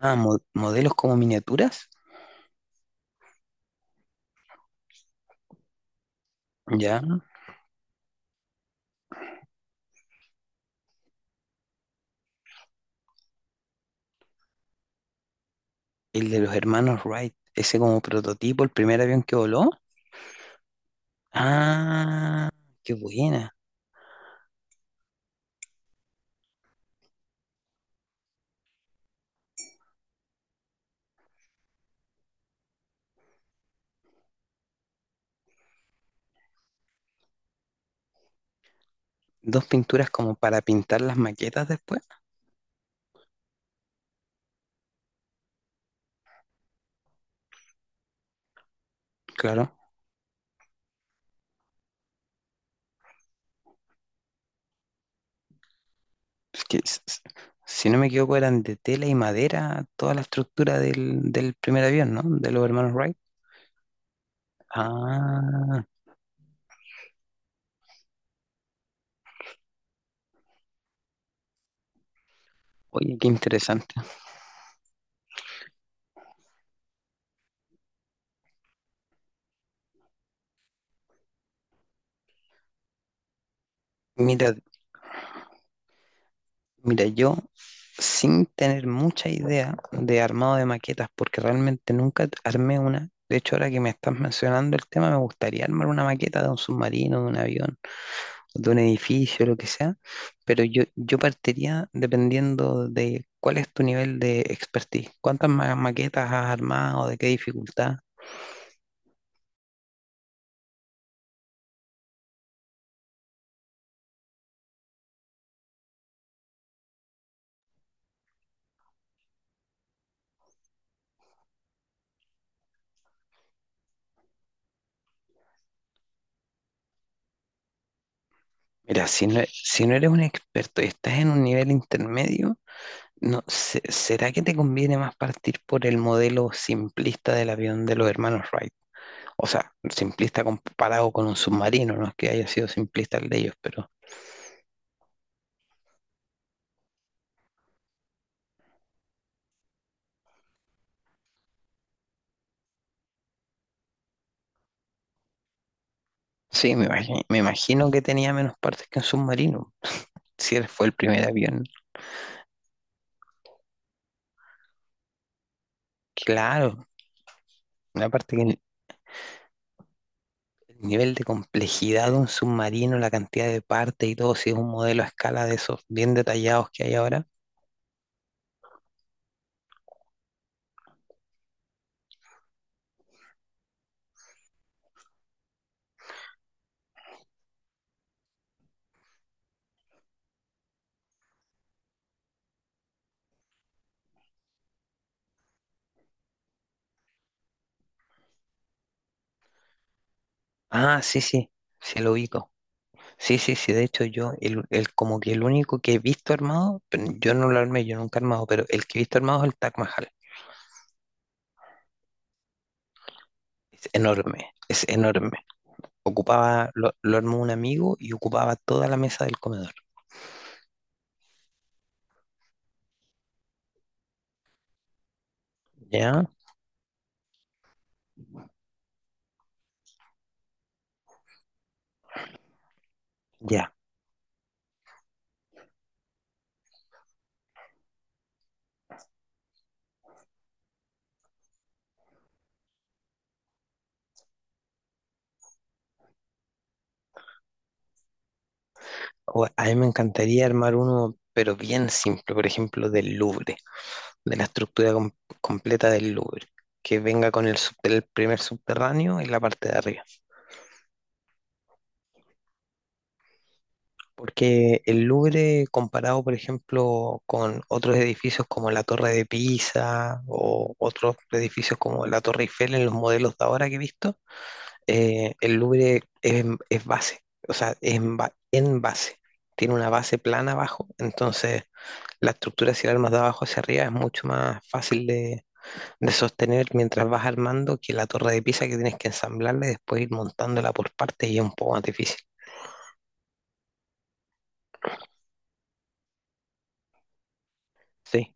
Ah, modelos como miniaturas, ya. El de los hermanos Wright, ese como prototipo, el primer avión que voló. Ah, qué buena. Dos pinturas como para pintar las maquetas después. Claro, es que s- s- si no me equivoco eran de tela y madera toda la estructura del primer avión, ¿no? De los hermanos Wright. Ah, oye, qué interesante. Mira, Mira, yo sin tener mucha idea de armado de maquetas, porque realmente nunca armé una. De hecho, ahora que me estás mencionando el tema, me gustaría armar una maqueta de un submarino, de un avión, de un edificio, lo que sea, pero yo partiría dependiendo de cuál es tu nivel de expertise, cuántas maquetas has armado, de qué dificultad. Mira, si no eres un experto y estás en un nivel intermedio, no, ¿será que te conviene más partir por el modelo simplista del avión de los hermanos Wright? O sea, simplista comparado con un submarino, no es que haya sido simplista el de ellos, pero sí, me imagino, que tenía menos partes que un submarino, si él fue el primer avión. Claro, aparte que el nivel de complejidad de un submarino, la cantidad de partes y todo, si es un modelo a escala de esos bien detallados que hay ahora. Ah, sí, sí, sí lo ubico. Sí, sí, sí, de hecho yo, como que el único que he visto armado, pero yo no lo armé, yo nunca he armado, pero el que he visto armado es el Taj Mahal. Es enorme, es enorme. Ocupaba, lo armó un amigo y ocupaba toda la mesa del comedor. ¿Ya? Ya. O- a mí me encantaría armar uno, pero bien simple, por ejemplo, del Louvre, de la estructura completa del Louvre, que venga con el primer subterráneo y la parte de arriba. Porque el Louvre, comparado, por ejemplo, con otros edificios como la Torre de Pisa o otros edificios como la Torre Eiffel en los modelos de ahora que he visto, el Louvre es base, o sea, es en, en base. Tiene una base plana abajo, entonces la estructura, si la armas de abajo hacia arriba, es mucho más fácil de sostener mientras vas armando que la Torre de Pisa, que tienes que ensamblarla y después ir montándola por partes y es un poco más difícil. Sí,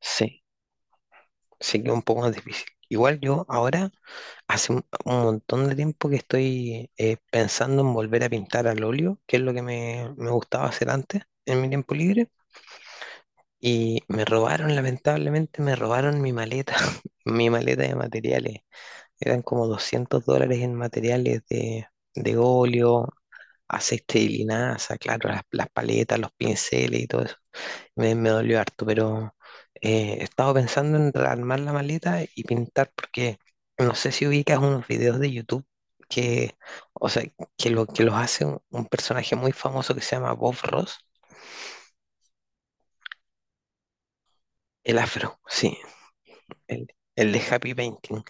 sí. Sí que es un poco más difícil. Igual yo ahora, hace un montón de tiempo que estoy pensando en volver a pintar al óleo, que es lo que me gustaba hacer antes en mi tiempo libre. Y me robaron, lamentablemente, me robaron mi maleta, mi maleta de materiales. Eran como 200 dólares en materiales de óleo, aceite de linaza, claro, las paletas, los pinceles y todo eso me dolió harto, pero he estado pensando en rearmar la maleta y pintar porque no sé si ubicas unos videos de YouTube que, o sea, que, lo, que los hace un personaje muy famoso que se llama Bob Ross, el afro, sí, el, el de Happy Painting.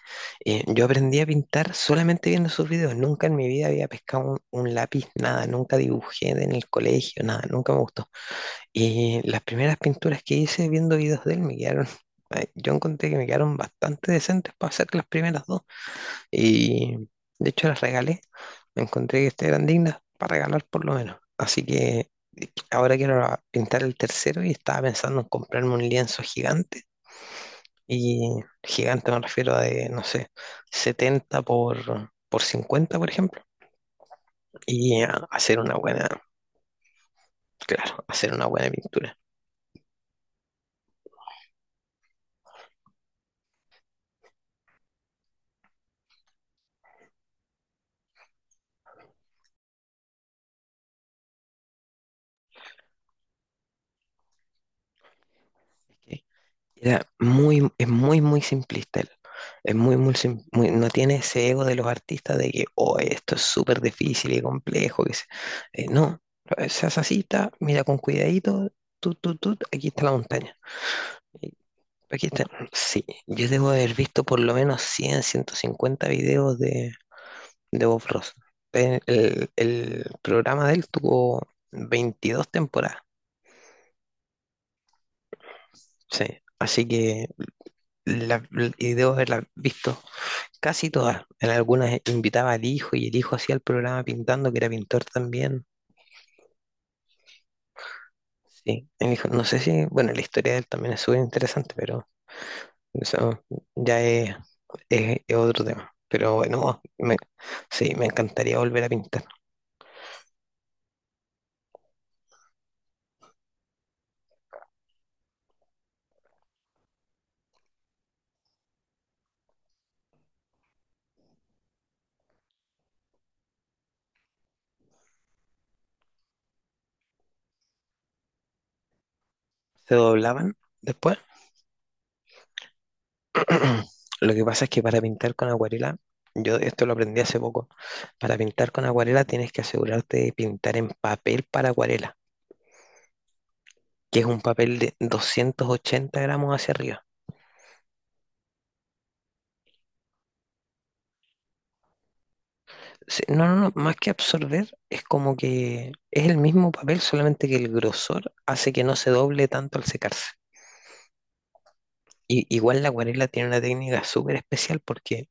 Yo aprendí a pintar solamente viendo sus videos, nunca en mi vida había pescado un lápiz, nada, nunca dibujé en el colegio, nada, nunca me gustó. Y las primeras pinturas que hice viendo videos de él me quedaron, yo encontré que me quedaron bastante decentes para hacer las primeras dos. Y de hecho las regalé. Me encontré que este eran dignas para regalar por lo menos. Así que ahora quiero pintar el tercero y estaba pensando en comprarme un lienzo gigante. Y gigante me refiero a de, no sé, 70 por 50, por ejemplo. Y hacer una buena, claro, hacer una buena pintura. Era muy, es muy, muy simplista él. Es muy, muy, no tiene ese ego de los artistas de que, oh, esto es súper difícil y complejo. Que se-. No, se hace así, ta, mira con cuidadito, tut, tut, tut, aquí está la montaña. Y aquí está. Sí, yo debo haber visto por lo menos 100, 150 videos de Bob Ross. El programa de él tuvo 22 temporadas. Sí, así que la- y debo haberla visto casi todas. En algunas invitaba al hijo y el hijo hacía el programa pintando, que era pintor también. Sí, el hijo, no sé si, bueno, la historia de él también es súper interesante, pero eso ya es otro tema. Pero bueno, sí, me encantaría volver a pintar. Se doblaban después. Lo que pasa es que para pintar con acuarela, yo esto lo aprendí hace poco, para pintar con acuarela tienes que asegurarte de pintar en papel para acuarela, que es un papel de 280 gramos hacia arriba. Sí, no, no, no, más que absorber, es como que es el mismo papel, solamente que el grosor hace que no se doble tanto al secarse. Y, igual la acuarela tiene una técnica súper especial porque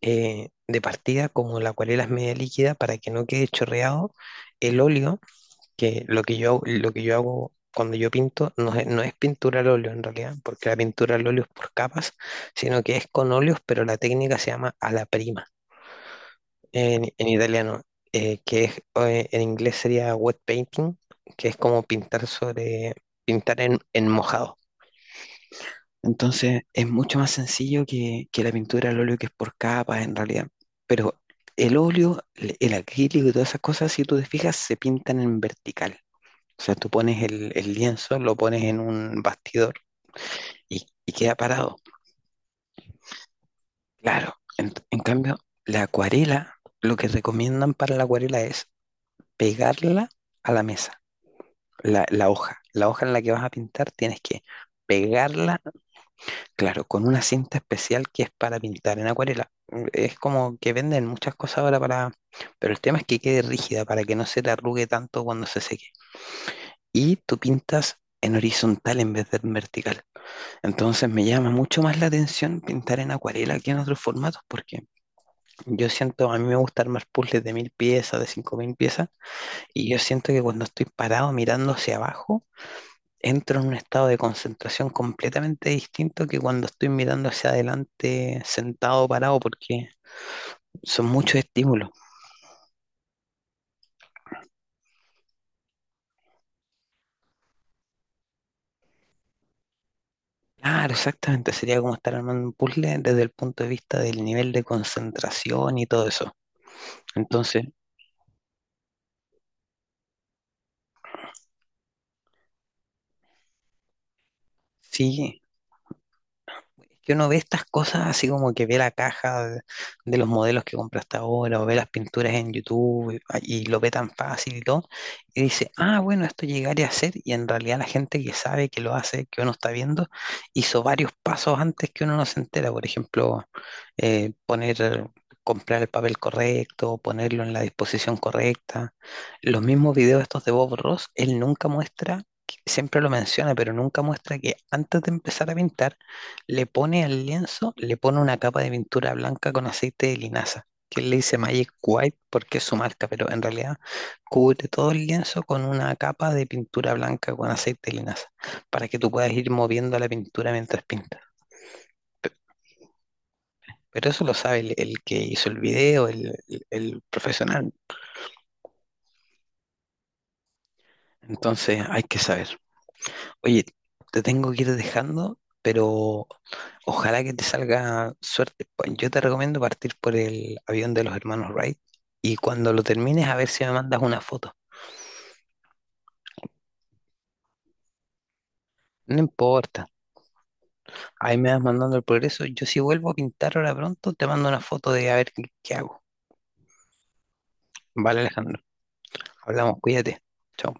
de partida, como la acuarela es media líquida, para que no quede chorreado, el óleo, que lo que yo hago cuando yo pinto, no es pintura al óleo en realidad, porque la pintura al óleo es por capas, sino que es con óleos, pero la técnica se llama a la prima, en italiano, que es, en inglés sería wet painting, que es como pintar en mojado. Entonces es mucho más sencillo que la pintura al óleo, que es por capas en realidad. Pero el óleo, el acrílico y todas esas cosas, si tú te fijas, se pintan en vertical. O sea, tú pones el lienzo, lo pones en un bastidor y queda parado. Claro, en cambio, la acuarela, lo que recomiendan para la acuarela es pegarla a la mesa, la hoja en la que vas a pintar, tienes que pegarla, claro, con una cinta especial que es para pintar en acuarela. Es como que venden muchas cosas ahora para, pero el tema es que quede rígida para que no se te arrugue tanto cuando se seque. Y tú pintas en horizontal en vez de en vertical. Entonces me llama mucho más la atención pintar en acuarela que en otros formatos, porque yo siento, a mí me gusta armar puzzles de 1.000 piezas, de 5.000 piezas, y yo siento que cuando estoy parado mirando hacia abajo, entro en un estado de concentración completamente distinto que cuando estoy mirando hacia adelante sentado o parado porque son muchos estímulos. Claro, exactamente, sería como estar armando un puzzle desde el punto de vista del nivel de concentración y todo eso. Entonces, sí, que uno ve estas cosas así como que ve la caja de, los modelos que compra hasta ahora, o ve las pinturas en YouTube y, ah, y lo ve tan fácil y todo, y dice, ah, bueno, esto llegaría a ser, y en realidad la gente que sabe que lo hace, que uno está viendo, hizo varios pasos antes que uno no se entera, por ejemplo, poner, comprar el papel correcto, ponerlo en la disposición correcta. Los mismos videos estos de Bob Ross, él nunca muestra que- siempre lo menciona, pero nunca muestra que antes de empezar a pintar, le pone al lienzo, le pone una capa de pintura blanca con aceite de linaza, que él le dice Magic White porque es su marca, pero en realidad cubre todo el lienzo con una capa de pintura blanca con aceite de linaza, para que tú puedas ir moviendo la pintura mientras pintas. Pero eso lo sabe el que hizo el video, el profesional. Entonces hay que saber. Oye, te tengo que ir dejando, pero ojalá que te salga suerte. Pa- Yo te recomiendo partir por el avión de los hermanos Wright y cuando lo termines a ver si me mandas una foto. No importa. Ahí me vas mandando el progreso. Yo si vuelvo a pintar ahora pronto, te mando una foto de a ver qué, qué hago. Vale, Alejandro. Hablamos, cuídate. Chao.